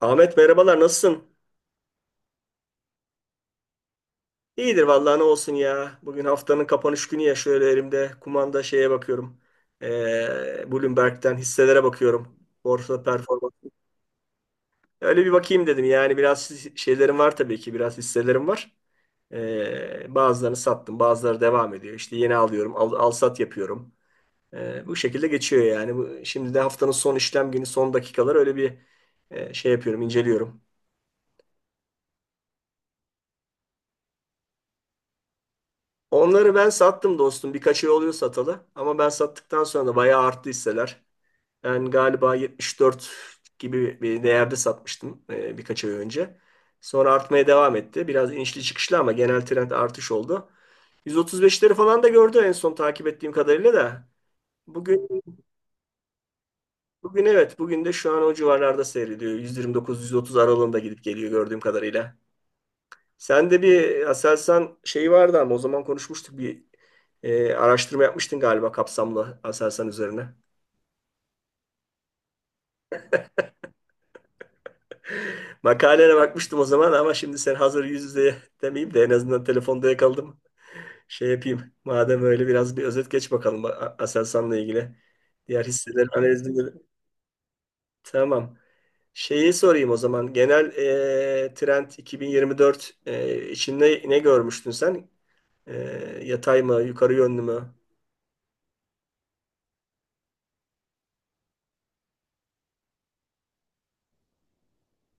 Ahmet merhabalar, nasılsın? İyidir vallahi, ne olsun ya. Bugün haftanın kapanış günü ya, şöyle elimde kumanda şeye bakıyorum. Bloomberg'den hisselere bakıyorum. Borsa performans. Öyle bir bakayım dedim yani, biraz şeylerim var tabii ki, biraz hisselerim var. Bazılarını sattım, bazıları devam ediyor. İşte yeni alıyorum, al sat yapıyorum. Bu şekilde geçiyor yani. Bu, şimdi de haftanın son işlem günü, son dakikalar öyle bir şey yapıyorum, inceliyorum. Onları ben sattım dostum. Birkaç ay oluyor satalı. Ama ben sattıktan sonra da bayağı arttı hisseler. Ben galiba 74 gibi bir değerde satmıştım birkaç ay önce. Sonra artmaya devam etti. Biraz inişli çıkışlı ama genel trend artış oldu. 135'leri falan da gördü en son takip ettiğim kadarıyla da. Bugün bugün. Evet, bugün de şu an o civarlarda seyrediyor. 129-130 aralığında gidip geliyor gördüğüm kadarıyla. Sen de bir Aselsan şeyi vardı ama o zaman konuşmuştuk, bir araştırma yapmıştın galiba kapsamlı Aselsan üzerine. Makalene bakmıştım o zaman ama şimdi sen hazır, yüz yüze demeyeyim de en azından telefonda yakaladım. Şey yapayım. Madem öyle, biraz bir özet geç bakalım Aselsan'la ilgili. Diğer hisseler analizini. Tamam. Şeyi sorayım o zaman. Genel trend 2024 için, ne görmüştün sen? E, Yatay mı, yukarı yönlü mü?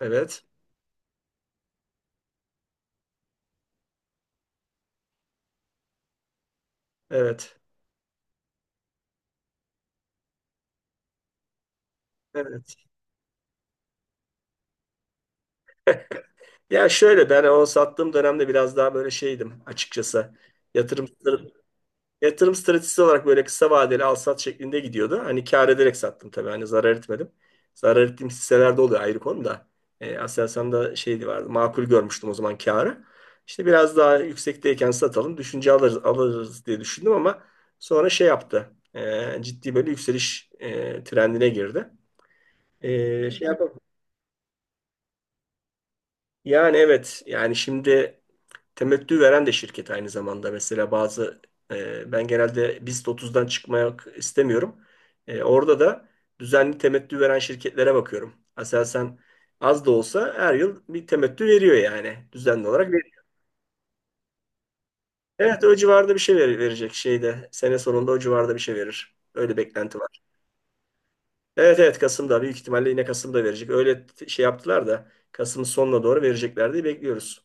Evet. Evet. Evet. Ya şöyle, ben o sattığım dönemde biraz daha böyle şeydim açıkçası. Yatırım yatırım stratejisi olarak böyle kısa vadeli al sat şeklinde gidiyordu. Hani kâr ederek sattım tabii. Hani zarar etmedim. Zarar ettiğim hisselerde oluyor, ayrı konu da. Aselsan'da şeydi vardı. Makul görmüştüm o zaman kârı. İşte biraz daha yüksekteyken satalım. Düşünce alırız diye düşündüm ama sonra şey yaptı. Ciddi böyle yükseliş trendine girdi. Şey yapalım. Yani evet, yani şimdi temettü veren de şirket aynı zamanda. Mesela bazı ben genelde BIST 30'dan çıkmak istemiyorum. Orada da düzenli temettü veren şirketlere bakıyorum. Aselsan az da olsa her yıl bir temettü veriyor yani düzenli olarak veriyor. Evet, o civarda bir şey verecek şeyde. Sene sonunda o civarda bir şey verir. Öyle beklenti var. Evet, evet. Kasım'da büyük ihtimalle yine Kasım'da verecek. Öyle şey yaptılar da Kasım'ın sonuna doğru verecekler diye bekliyoruz.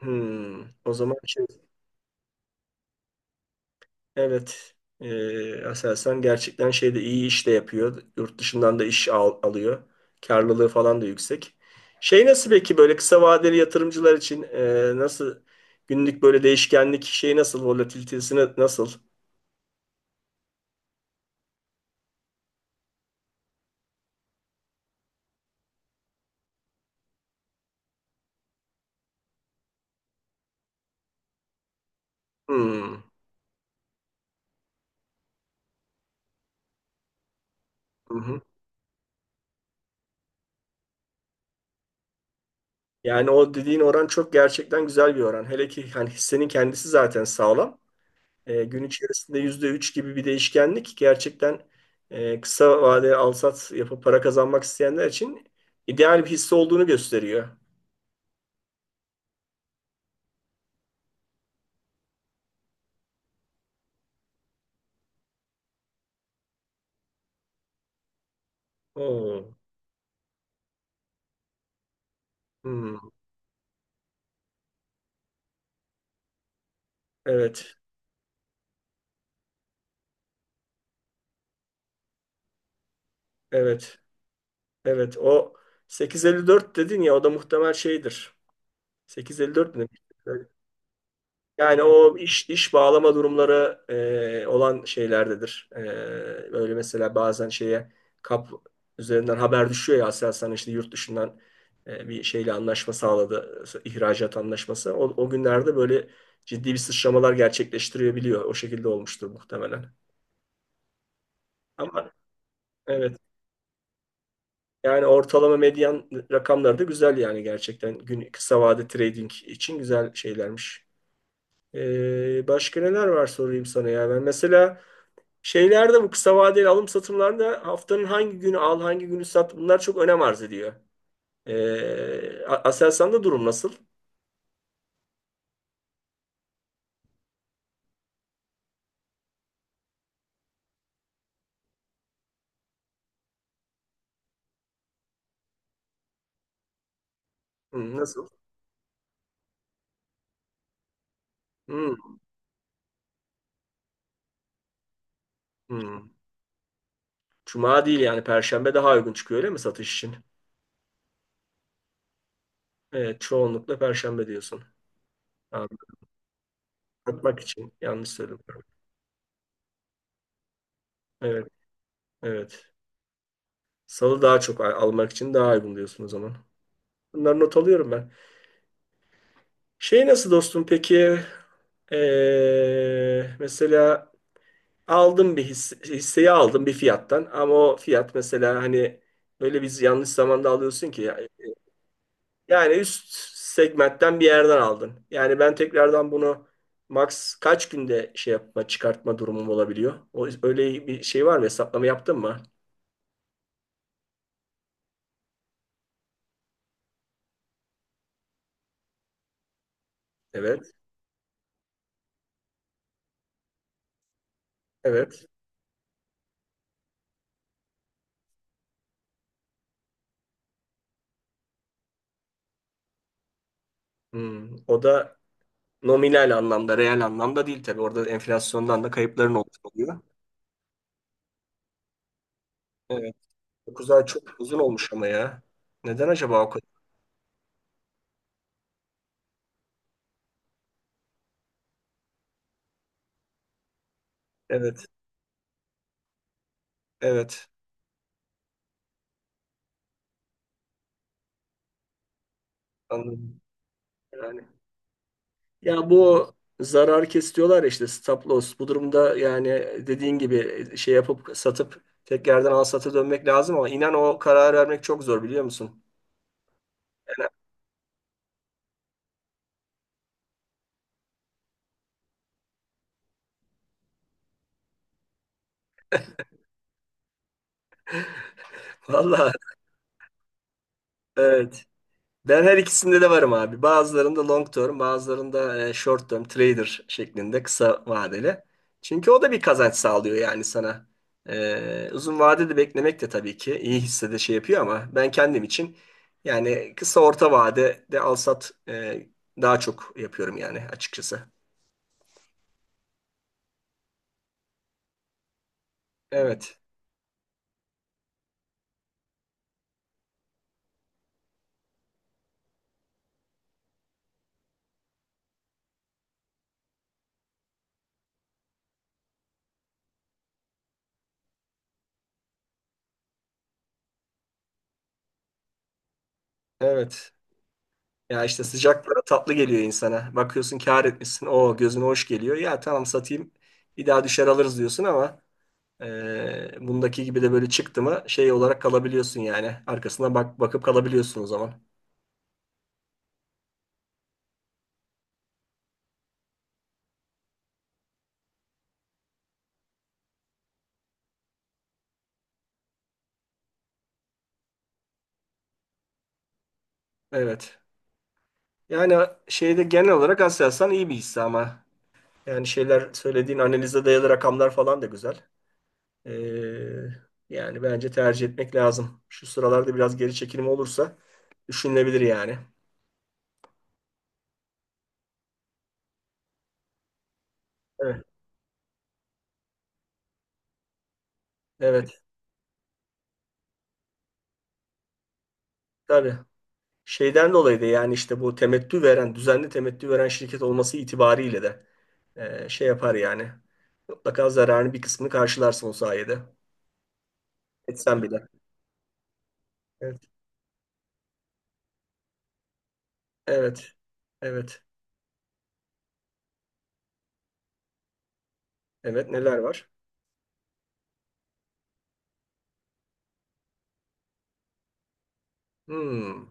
O zaman şey. Evet. Aselsan gerçekten şeyde iyi iş de yapıyor. Yurt dışından da iş alıyor. Karlılığı falan da yüksek. Şey nasıl peki, böyle kısa vadeli yatırımcılar için nasıl, günlük böyle değişkenlik şeyi nasıl, volatilitesi nasıl? Hmm. Hı hı. Yani o dediğin oran çok gerçekten güzel bir oran. Hele ki hani hissenin kendisi zaten sağlam. Gün içerisinde %3 gibi bir değişkenlik gerçekten kısa vadeli alsat yapıp para kazanmak isteyenler için ideal bir hisse olduğunu gösteriyor. Oo. Hmm. Evet, evet, evet. O 8,54 dedin ya, o da muhtemel şeydir. 8,54 mi? Yani o iş bağlama durumları olan şeylerdedir. Böyle mesela bazen şeye kap üzerinden haber düşüyor ya, Aselsan işte yurt dışından bir şeyle anlaşma sağladı, ihracat anlaşması. O günlerde böyle ciddi bir sıçramalar gerçekleştirebiliyor. O şekilde olmuştur muhtemelen. Ama evet, yani ortalama medyan rakamları da güzel yani, gerçekten gün kısa vade trading için güzel şeylermiş. Başka neler var sorayım sana, ya ben mesela şeylerde bu kısa vadeli alım satımlarında haftanın hangi günü al, hangi günü sat, bunlar çok önem arz ediyor. Aselsan'da durum nasıl? Hı, nasıl? Hı, hı. Cuma değil yani, Perşembe daha uygun çıkıyor öyle mi satış için? Evet, çoğunlukla Perşembe diyorsun. Abi, satmak için yanlış söyledim. Evet, evet. Salı daha çok almak için daha uygun diyorsun o zaman. Bunları not alıyorum ben. Şey nasıl dostum peki? Mesela aldım bir hisse, hisseyi aldım bir fiyattan ama o fiyat mesela hani, öyle biz yanlış zamanda alıyorsun ki yani üst segmentten bir yerden aldın. Yani ben tekrardan bunu max kaç günde şey yapma, çıkartma durumum olabiliyor? O, öyle bir şey var mı? Hesaplama yaptın mı? Evet. Evet. O da nominal anlamda, reel anlamda değil tabii. Orada enflasyondan da kayıpların olmuş oluyor. Evet. 9 ay çok uzun olmuş ama ya. Neden acaba o kadar? Evet. Evet. Anladım. Yani ya, bu zarar kesiyorlar işte, stop loss. Bu durumda yani dediğin gibi şey yapıp satıp tekrardan al sata dönmek lazım ama inan, o karar vermek çok zor, biliyor musun? Yani, vallahi evet. Ben her ikisinde de varım abi. Bazılarında long term, bazılarında short term trader şeklinde, kısa vadeli. Çünkü o da bir kazanç sağlıyor yani sana. Uzun vadede beklemek de tabii ki iyi hissede şey yapıyor ama ben kendim için yani kısa orta vadede al sat daha çok yapıyorum yani açıkçası. Evet, evet. Ya işte sıcak para tatlı geliyor insana. Bakıyorsun kâr etmişsin. O gözüne hoş geliyor. Ya tamam, satayım. Bir daha düşer, alırız diyorsun ama bundaki gibi de böyle çıktı mı şey olarak kalabiliyorsun yani. Arkasına bak bakıp kalabiliyorsun o zaman. Evet. Yani şeyde genel olarak Aselsan iyi bir hisse ama yani şeyler söylediğin, analize dayalı rakamlar falan da güzel. Ee, Yani bence tercih etmek lazım. Şu sıralarda biraz geri çekilme olursa düşünülebilir yani. Evet. Evet. Tabii. Şeyden dolayı da yani işte bu temettü veren, düzenli temettü veren şirket olması itibariyle de şey yapar yani. Mutlaka zararın bir kısmını karşılarsın o sayede. Etsen bile. Evet. Evet. Evet. Evet. Neler var? Hmm.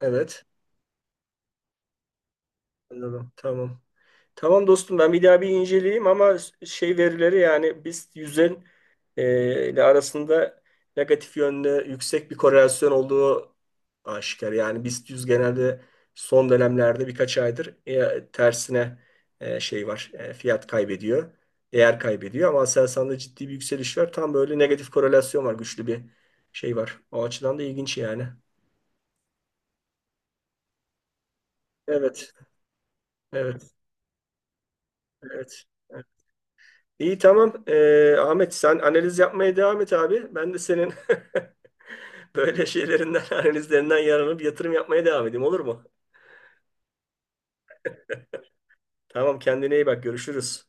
Evet. Anladım. Tamam. Tamam dostum, ben bir daha bir inceleyeyim ama şey, verileri yani biz yüzün ile arasında negatif yönde yüksek bir korelasyon olduğu aşikar. Yani BIST 100 genelde son dönemlerde birkaç aydır tersine şey var, fiyat kaybediyor. Değer kaybediyor ama Aselsan'da ciddi bir yükseliş var. Tam böyle negatif korelasyon var, güçlü bir şey var. O açıdan da ilginç yani. Evet, evet, evet. İyi tamam. Ahmet, sen analiz yapmaya devam et abi. Ben de senin böyle şeylerinden, analizlerinden yararlanıp yatırım yapmaya devam edeyim, olur mu? Tamam, kendine iyi bak, görüşürüz.